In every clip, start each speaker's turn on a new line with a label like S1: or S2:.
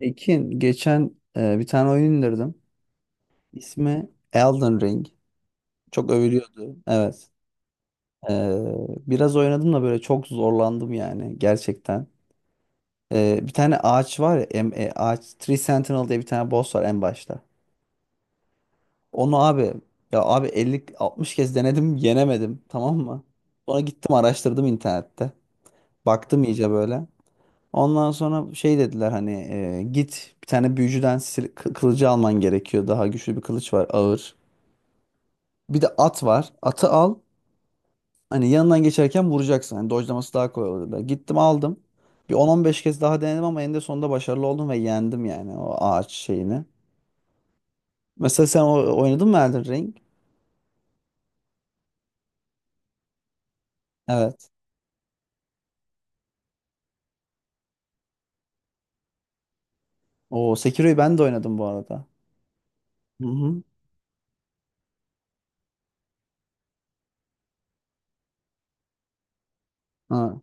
S1: Ekin geçen bir tane oyun indirdim. İsmi Elden Ring. Çok övülüyordu. Evet. E, biraz oynadım da böyle çok zorlandım yani gerçekten. Bir tane ağaç var ya em- e, ağaç Tree Sentinel diye bir tane boss var en başta. Onu abi, ya abi, 50-60 kez denedim, yenemedim, tamam mı? Sonra gittim araştırdım internette. Baktım iyice böyle. Ondan sonra şey dediler, hani git bir tane büyücüden kılıcı alman gerekiyor. Daha güçlü bir kılıç var, ağır. Bir de at var. Atı al. Hani yanından geçerken vuracaksın. Hani dodge'laması daha kolay olur da. Gittim aldım. Bir 10-15 kez daha denedim ama eninde sonunda başarılı oldum ve yendim yani, o ağaç şeyini. Mesela sen oynadın mı Elden Ring? Evet. O Sekiro'yu ben de oynadım bu arada. Hı hı. Ha.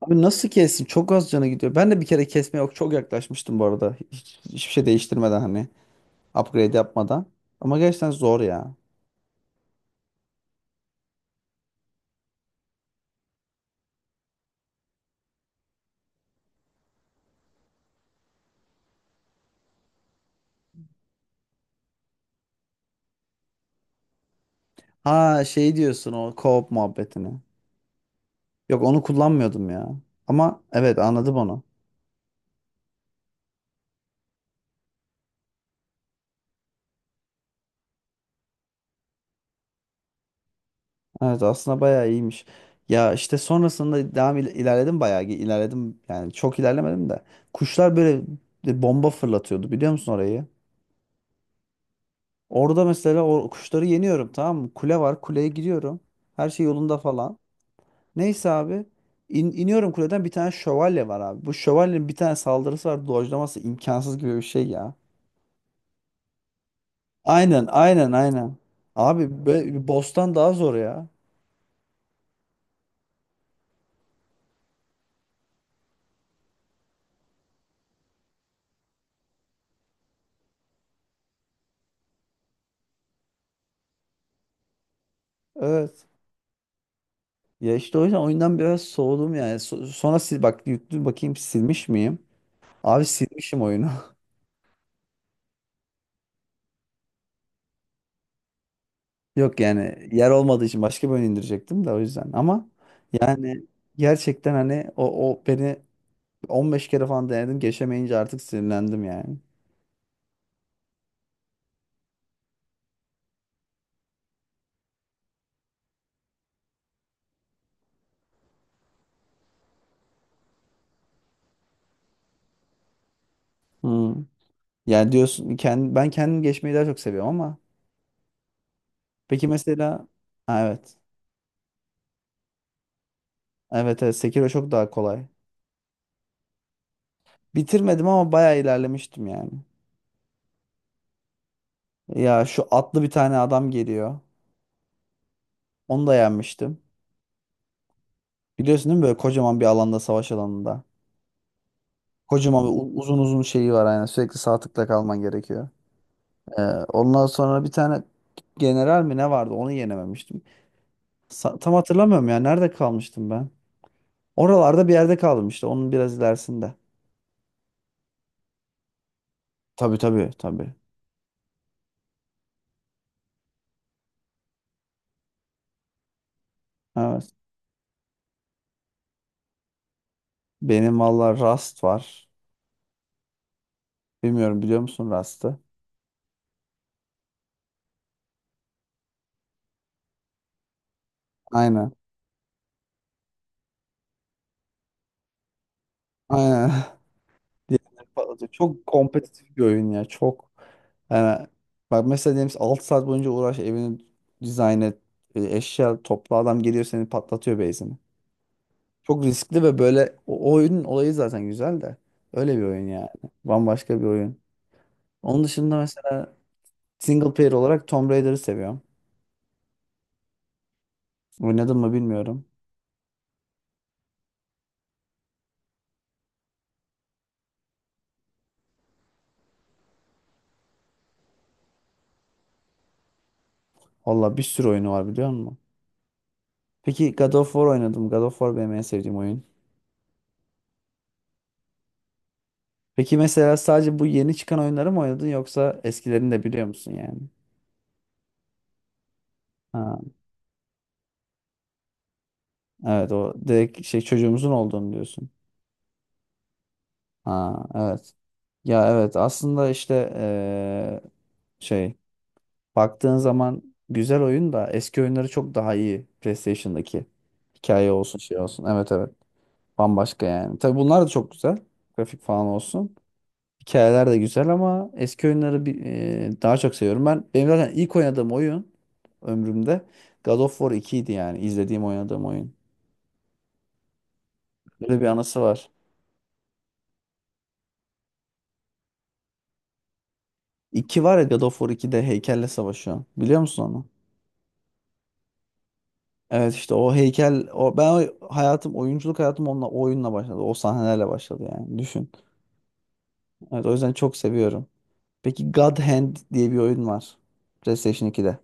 S1: Abi nasıl kessin? Çok az canı gidiyor. Ben de bir kere kesmeye yok çok yaklaşmıştım bu arada. Hiçbir şey değiştirmeden, hani upgrade yapmadan. Ama gerçekten zor ya. Ha, şey diyorsun, o co-op muhabbetini. Yok, onu kullanmıyordum ya. Ama evet, anladım onu. Evet, aslında bayağı iyiymiş. Ya işte sonrasında devam ilerledim, bayağı ilerledim. Yani çok ilerlemedim de. Kuşlar böyle bir bomba fırlatıyordu, biliyor musun orayı? Orada mesela o kuşları yeniyorum, tamam mı? Kule var, kuleye gidiyorum. Her şey yolunda falan. Neyse abi. İn- iniyorum kuleden, bir tane şövalye var abi. Bu şövalyenin bir tane saldırısı var. Dojlaması imkansız gibi bir şey ya. Aynen, aynen, aynen. Abi böyle bir boss'tan daha zor ya. Evet. Ya işte o yüzden oyundan biraz soğudum yani. Sonra sil bak, yüklü bakayım, silmiş miyim? Abi silmişim oyunu. Yok yani, yer olmadığı için başka bir oyun indirecektim de, o yüzden. Ama yani gerçekten, hani o beni 15 kere falan denedim, geçemeyince artık sinirlendim yani. Hmm. Yani diyorsun, ben kendim geçmeyi daha çok seviyorum ama, peki mesela, ha, evet. Evet evet, Sekiro çok daha kolay. Bitirmedim ama bayağı ilerlemiştim yani. Ya şu atlı bir tane adam geliyor. Onu da yenmiştim. Biliyorsun değil mi, böyle kocaman bir alanda, savaş alanında. Kocaman bir uzun uzun şeyi var, aynen. Sürekli sağ tıkla kalman gerekiyor. Ee, ondan sonra bir tane general mi ne vardı, onu yenememiştim. Tam hatırlamıyorum ya. Nerede kalmıştım ben? Oralarda bir yerde kaldım işte. Onun biraz ilerisinde. Tabii, tabii, tabii. Evet. Benim valla Rust var. Bilmiyorum, biliyor musun Rust'ı? Aynen. Aynen. Diğerleri patlatıyor. Çok kompetitif bir oyun ya. Çok yani, bak mesela diyelim 6 saat boyunca uğraş, evini dizayn et. Eşya topla, adam geliyor seni patlatıyor base'ini. Çok riskli ve böyle o oyunun olayı zaten güzel de. Öyle bir oyun yani. Bambaşka bir oyun. Onun dışında mesela single player olarak Tomb Raider'ı seviyorum. Oynadım mı bilmiyorum. Valla bir sürü oyunu var, biliyor musun? Peki, God of War oynadım. God of War benim en sevdiğim oyun. Peki mesela sadece bu yeni çıkan oyunları mı oynadın, yoksa eskilerini de biliyor musun yani? Ha, evet, o direkt şey, çocuğumuzun olduğunu diyorsun. Ha, evet. Ya evet, aslında işte şey, baktığın zaman güzel oyun da, eski oyunları çok daha iyi, PlayStation'daki. Hikaye olsun, şey olsun. Evet evet. Bambaşka yani. Tabii bunlar da çok güzel. Grafik falan olsun. Hikayeler de güzel ama eski oyunları daha çok seviyorum. Benim zaten ilk oynadığım oyun ömrümde God of War 2 idi yani, izlediğim oynadığım oyun. Böyle bir anısı var. İki var ya, God of War 2'de heykelle savaşıyor. Biliyor musun onu? Evet işte, o heykel, o ben o- hayatım oyunculuk hayatım onunla, o oyunla başladı. O sahnelerle başladı yani. Düşün. Evet, o yüzden çok seviyorum. Peki, God Hand diye bir oyun var. PlayStation 2'de.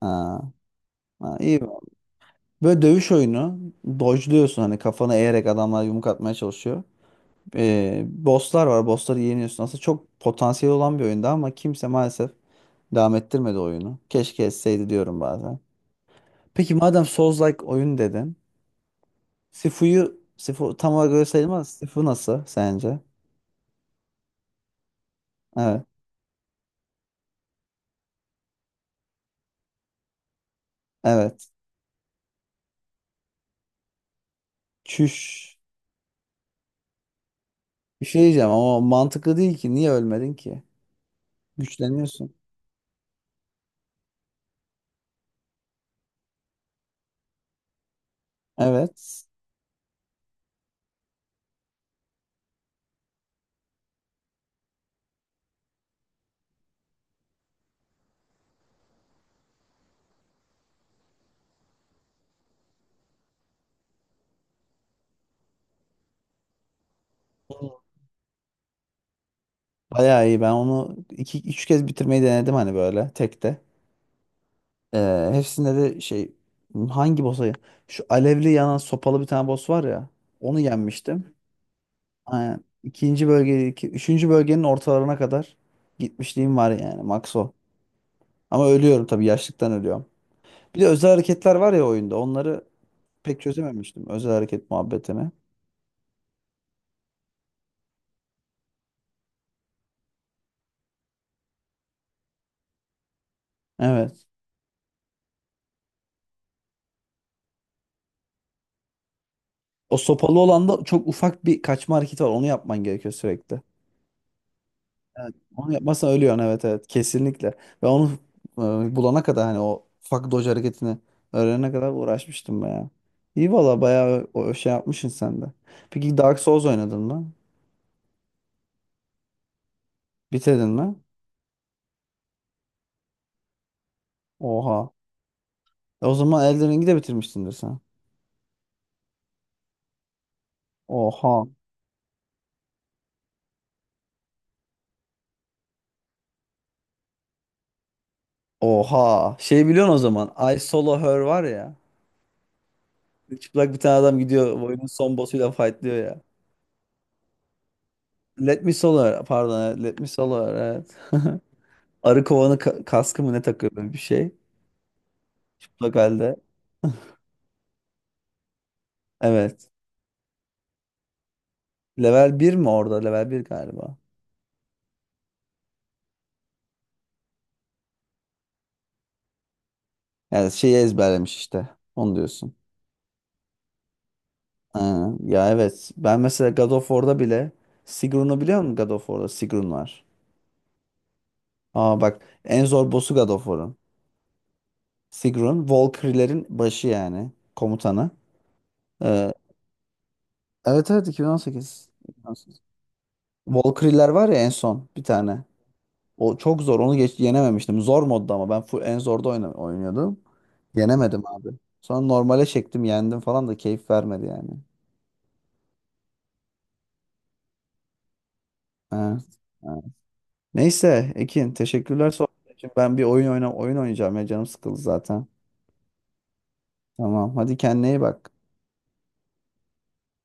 S1: Ha, ha, iyi. Böyle dövüş oyunu. Dodge'luyorsun hani, kafana eğerek adamlar yumruk atmaya çalışıyor. Bosslar var. Bossları yeniyorsun. Aslında çok potansiyel olan bir oyunda ama kimse maalesef devam ettirmedi oyunu. Keşke etseydi diyorum bazen. Peki, madem Souls-like oyun dedin. Sifu tam olarak öyle sayılmaz. Sifu nasıl sence? Evet. Evet. Çüş. Bir şey diyeceğim ama mantıklı değil ki. Niye ölmedin ki? Güçleniyorsun. Evet. Bayağı iyi. Ben onu iki, üç kez bitirmeyi denedim, hani böyle tekte. Hepsinde de şey, hangi boss'a, şu alevli yanan sopalı bir tane boss var ya, onu yenmiştim. Aynen. İkinci bölge, üçüncü bölgenin ortalarına kadar gitmişliğim var yani, max o. Ama ölüyorum tabii, yaşlıktan ölüyorum. Bir de özel hareketler var ya oyunda, onları pek çözememiştim, özel hareket muhabbetini. Evet. O sopalı olan da, çok ufak bir kaçma hareketi var, onu yapman gerekiyor sürekli. Evet, onu yapmazsan ölüyorsun, evet evet, kesinlikle. Ve onu bulana kadar, hani o fuck dodge hareketini öğrenene kadar uğraşmıştım bayağı. İyi valla, bayağı o şey yapmışsın sen de. Peki Dark Souls oynadın mı? Bitirdin mi? Oha. E, o zaman Elden Ring'i de bitirmişsindir sen. Oha. Oha. Şey, biliyorsun o zaman, I Solo Her var ya. Çıplak bir tane adam gidiyor, oyunun son boss'uyla fightlıyor ya. Let Me Solo Her, pardon, evet, Let Me Solo Her, evet. Arı kovanı kaskı mı ne takıyor, böyle bir şey. Lokalde. Evet. Level bir mi orada? Level bir galiba. Yani şeyi ezberlemiş işte. Onu diyorsun. Ha, ya evet. Ben mesela God of War'da bile, Sigrun'u biliyor musun God of War'da? Sigrun var. Aa bak, en zor boss'u God of War'un. Sigrun, Valkyrie'lerin başı yani. Komutanı. Ee, evet evet, 2018. 2018. Valkyrie'ler var ya en son bir tane. O çok zor. Onu geç yenememiştim. Zor modda, ama ben full en zorda oynuyordum. Yenemedim abi. Sonra normale çektim, yendim falan da keyif vermedi yani. Ha, ha. Neyse Ekin, teşekkürler sohbet için. Ben bir oyun oynayacağım ya, canım sıkıldı zaten. Tamam. Hadi kendine iyi bak.